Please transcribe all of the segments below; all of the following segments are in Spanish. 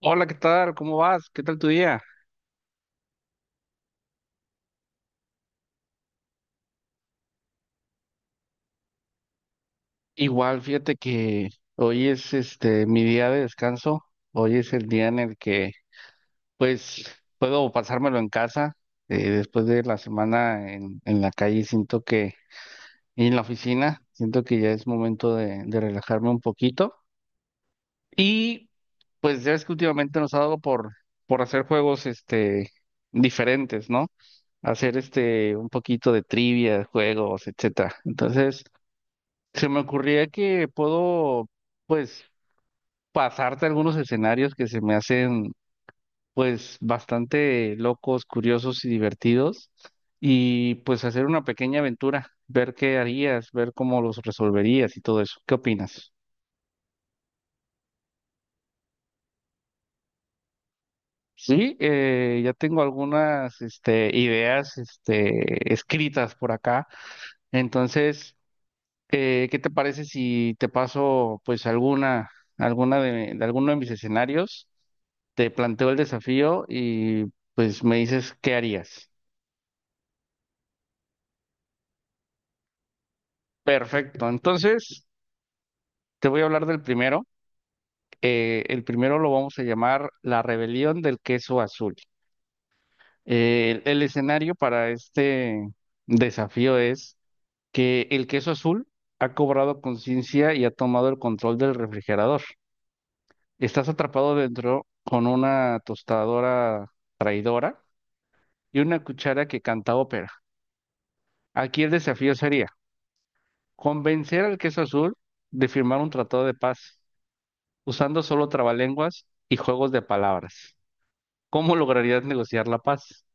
Hola, ¿qué tal? ¿Cómo vas? ¿Qué tal tu día? Igual, fíjate que hoy es mi día de descanso. Hoy es el día en el que pues puedo pasármelo en casa. Después de la semana en la calle siento que, y en la oficina, siento que ya es momento de relajarme un poquito. Y pues ya es que últimamente nos ha dado por hacer juegos diferentes, ¿no? Hacer un poquito de trivia, juegos, etcétera. Entonces, se me ocurría que puedo, pues, pasarte algunos escenarios que se me hacen, pues, bastante locos, curiosos y divertidos, y pues hacer una pequeña aventura, ver qué harías, ver cómo los resolverías y todo eso. ¿Qué opinas? Sí, ya tengo algunas, ideas, escritas por acá. Entonces, ¿qué te parece si te paso pues alguna, alguna de alguno de mis escenarios? Te planteo el desafío y pues me dices qué harías. Perfecto, entonces te voy a hablar del primero. El primero lo vamos a llamar La rebelión del queso azul. El escenario para este desafío es que el queso azul ha cobrado conciencia y ha tomado el control del refrigerador. Estás atrapado dentro con una tostadora traidora y una cuchara que canta ópera. Aquí el desafío sería convencer al queso azul de firmar un tratado de paz usando solo trabalenguas y juegos de palabras. ¿Cómo lograrías negociar la paz?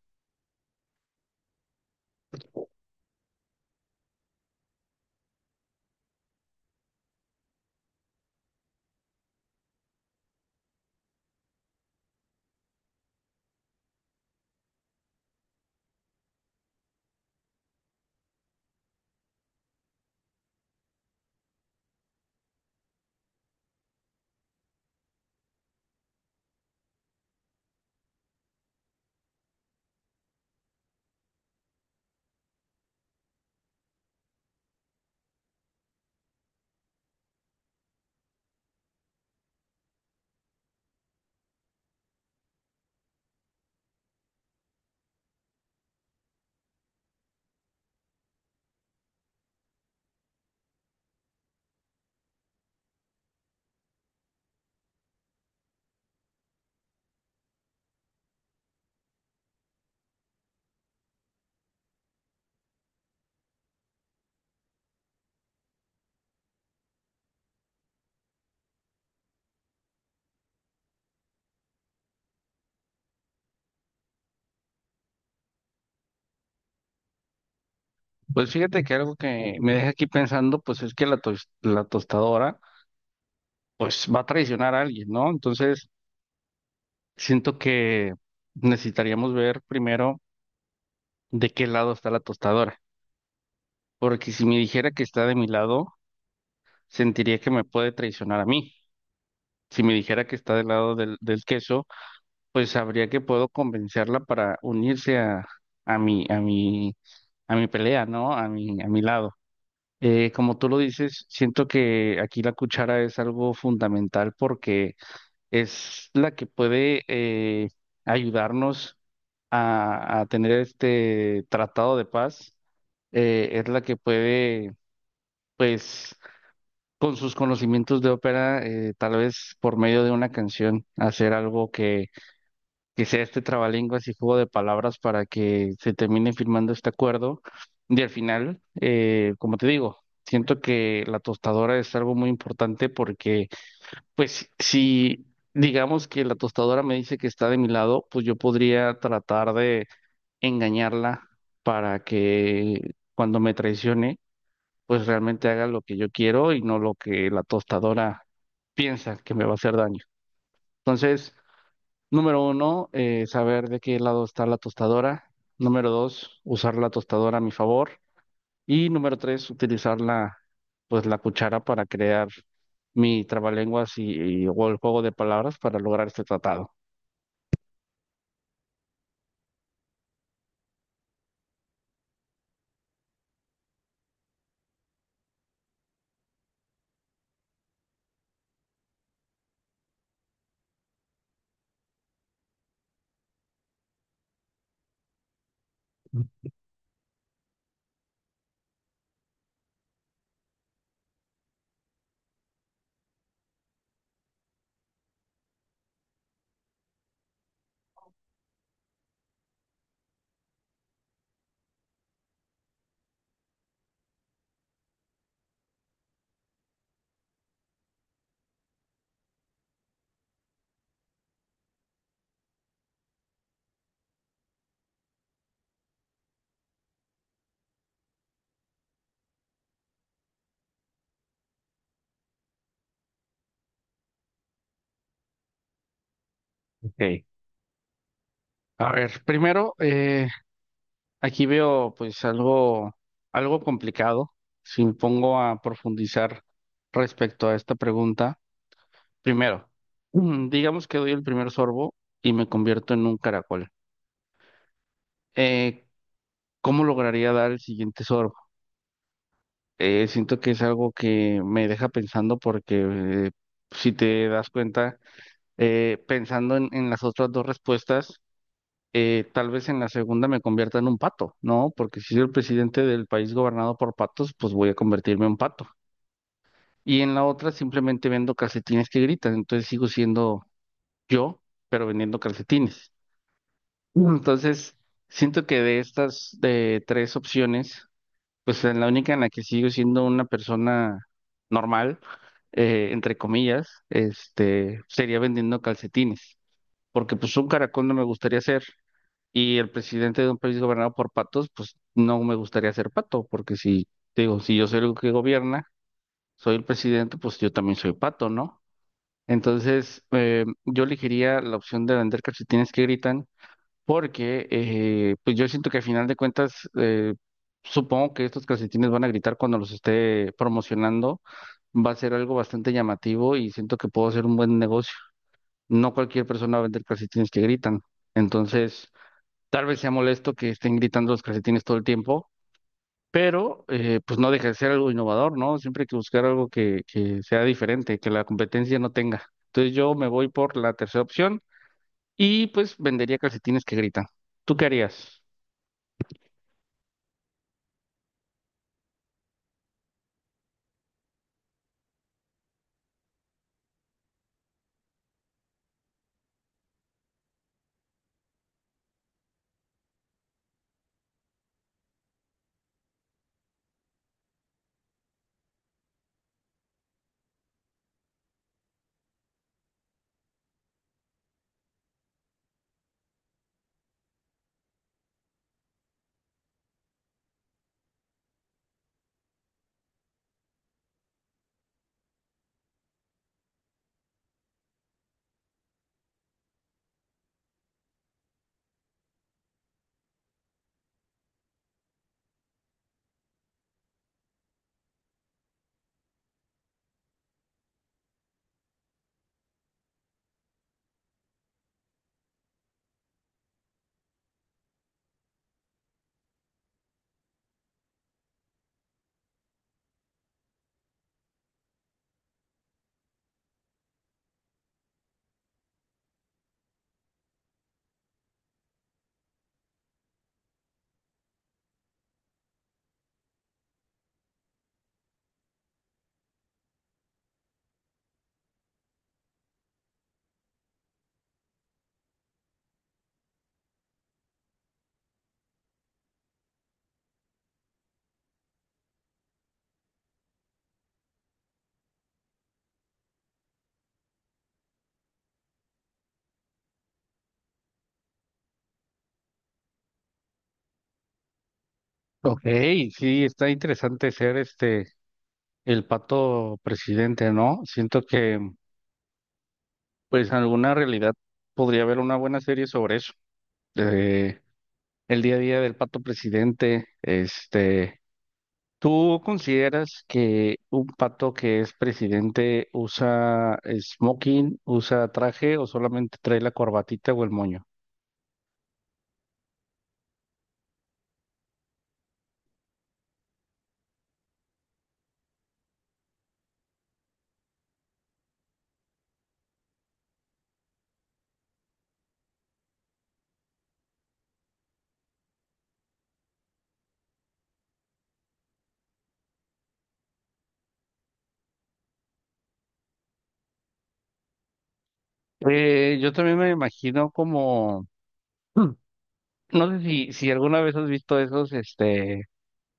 Pues fíjate que algo que me deja aquí pensando, pues es que la tostadora, pues va a traicionar a alguien, ¿no? Entonces, siento que necesitaríamos ver primero de qué lado está la tostadora, porque si me dijera que está de mi lado, sentiría que me puede traicionar a mí. Si me dijera que está del lado del queso, pues sabría que puedo convencerla para unirse a, a mi, a mi, a mi pelea, ¿no? A mi lado. Como tú lo dices, siento que aquí la cuchara es algo fundamental porque es la que puede ayudarnos a tener este tratado de paz. Es la que puede, pues con sus conocimientos de ópera, tal vez por medio de una canción, hacer algo que sea este trabalenguas y juego de palabras para que se termine firmando este acuerdo. Y al final, como te digo, siento que la tostadora es algo muy importante porque, pues, si digamos que la tostadora me dice que está de mi lado, pues yo podría tratar de engañarla para que cuando me traicione, pues realmente haga lo que yo quiero y no lo que la tostadora piensa que me va a hacer daño. Entonces, número uno, saber de qué lado está la tostadora. Número dos, usar la tostadora a mi favor. Y número tres, utilizar la, pues, la cuchara para crear mi trabalenguas o el juego de palabras para lograr este tratado. Ok. A ver, primero, aquí veo pues algo, algo complicado si me pongo a profundizar respecto a esta pregunta. Primero, digamos que doy el primer sorbo y me convierto en un caracol. Eh, ¿Cómo lograría dar el siguiente sorbo? Siento que es algo que me deja pensando porque si te das cuenta, pensando en las otras dos respuestas, tal vez en la segunda me convierta en un pato, ¿no? Porque si soy el presidente del país gobernado por patos, pues voy a convertirme en un pato. Y en la otra simplemente vendo calcetines que gritan, entonces sigo siendo yo, pero vendiendo calcetines. Mm. Entonces, siento que de estas tres opciones, pues en la única en la que sigo siendo una persona normal, entre comillas, sería vendiendo calcetines. Porque pues un caracol no me gustaría ser, y el presidente de un país gobernado por patos, pues no me gustaría ser pato, porque si, te digo, si yo soy el que gobierna, soy el presidente, pues yo también soy pato, ¿no? Entonces, yo elegiría la opción de vender calcetines que gritan, porque pues yo siento que al final de cuentas, supongo que estos calcetines van a gritar cuando los esté promocionando, va a ser algo bastante llamativo y siento que puedo hacer un buen negocio. No cualquier persona va a vender calcetines que gritan. Entonces, tal vez sea molesto que estén gritando los calcetines todo el tiempo, pero pues no deja de ser algo innovador, ¿no? Siempre hay que buscar algo que sea diferente, que la competencia no tenga. Entonces yo me voy por la tercera opción y pues vendería calcetines que gritan. ¿Tú qué harías? Ok, sí, está interesante ser el pato presidente, ¿no? Siento que pues en alguna realidad podría haber una buena serie sobre eso. eh, el día a día del pato presidente. ¿Tú consideras que un pato que es presidente usa smoking, usa traje o solamente trae la corbatita o el moño? Yo también me imagino como, Hmm. no sé si, si alguna vez has visto esos,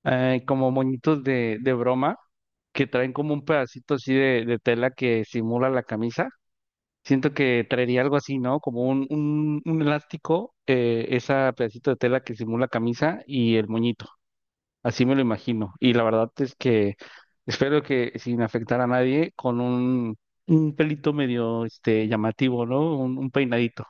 como moñitos de broma que traen como un pedacito así de tela que simula la camisa. Siento que traería algo así, ¿no? Como un elástico, ese pedacito de tela que simula camisa y el moñito. Así me lo imagino. Y la verdad es que espero que sin afectar a nadie, con un pelito medio llamativo, ¿no? Un peinadito.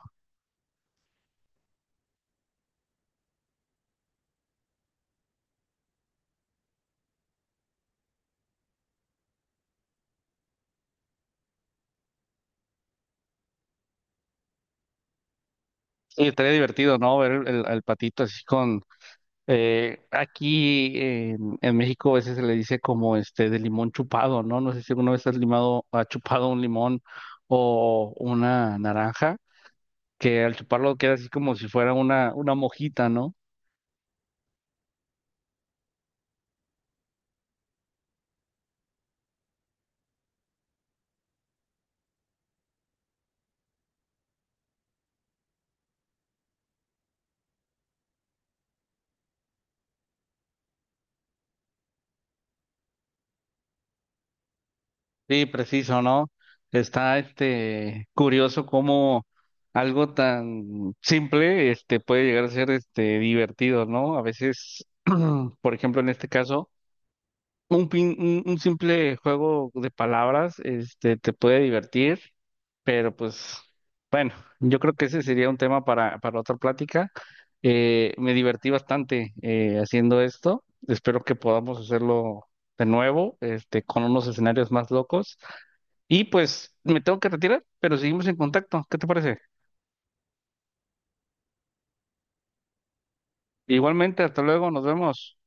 Y estaría divertido, ¿no? Ver el, al patito así con aquí en México a veces se le dice como de limón chupado, ¿no? No sé si alguna vez has limado, ha chupado un limón o una naranja, que al chuparlo queda así como si fuera una mojita, ¿no? Sí, preciso, ¿no? Está curioso cómo algo tan simple puede llegar a ser divertido, ¿no? A veces, por ejemplo, en este caso, un simple juego de palabras te puede divertir, pero pues bueno, yo creo que ese sería un tema para otra plática. Me divertí bastante haciendo esto. Espero que podamos hacerlo de nuevo, con unos escenarios más locos. Y pues me tengo que retirar, pero seguimos en contacto. ¿Qué te parece? Igualmente, hasta luego, nos vemos.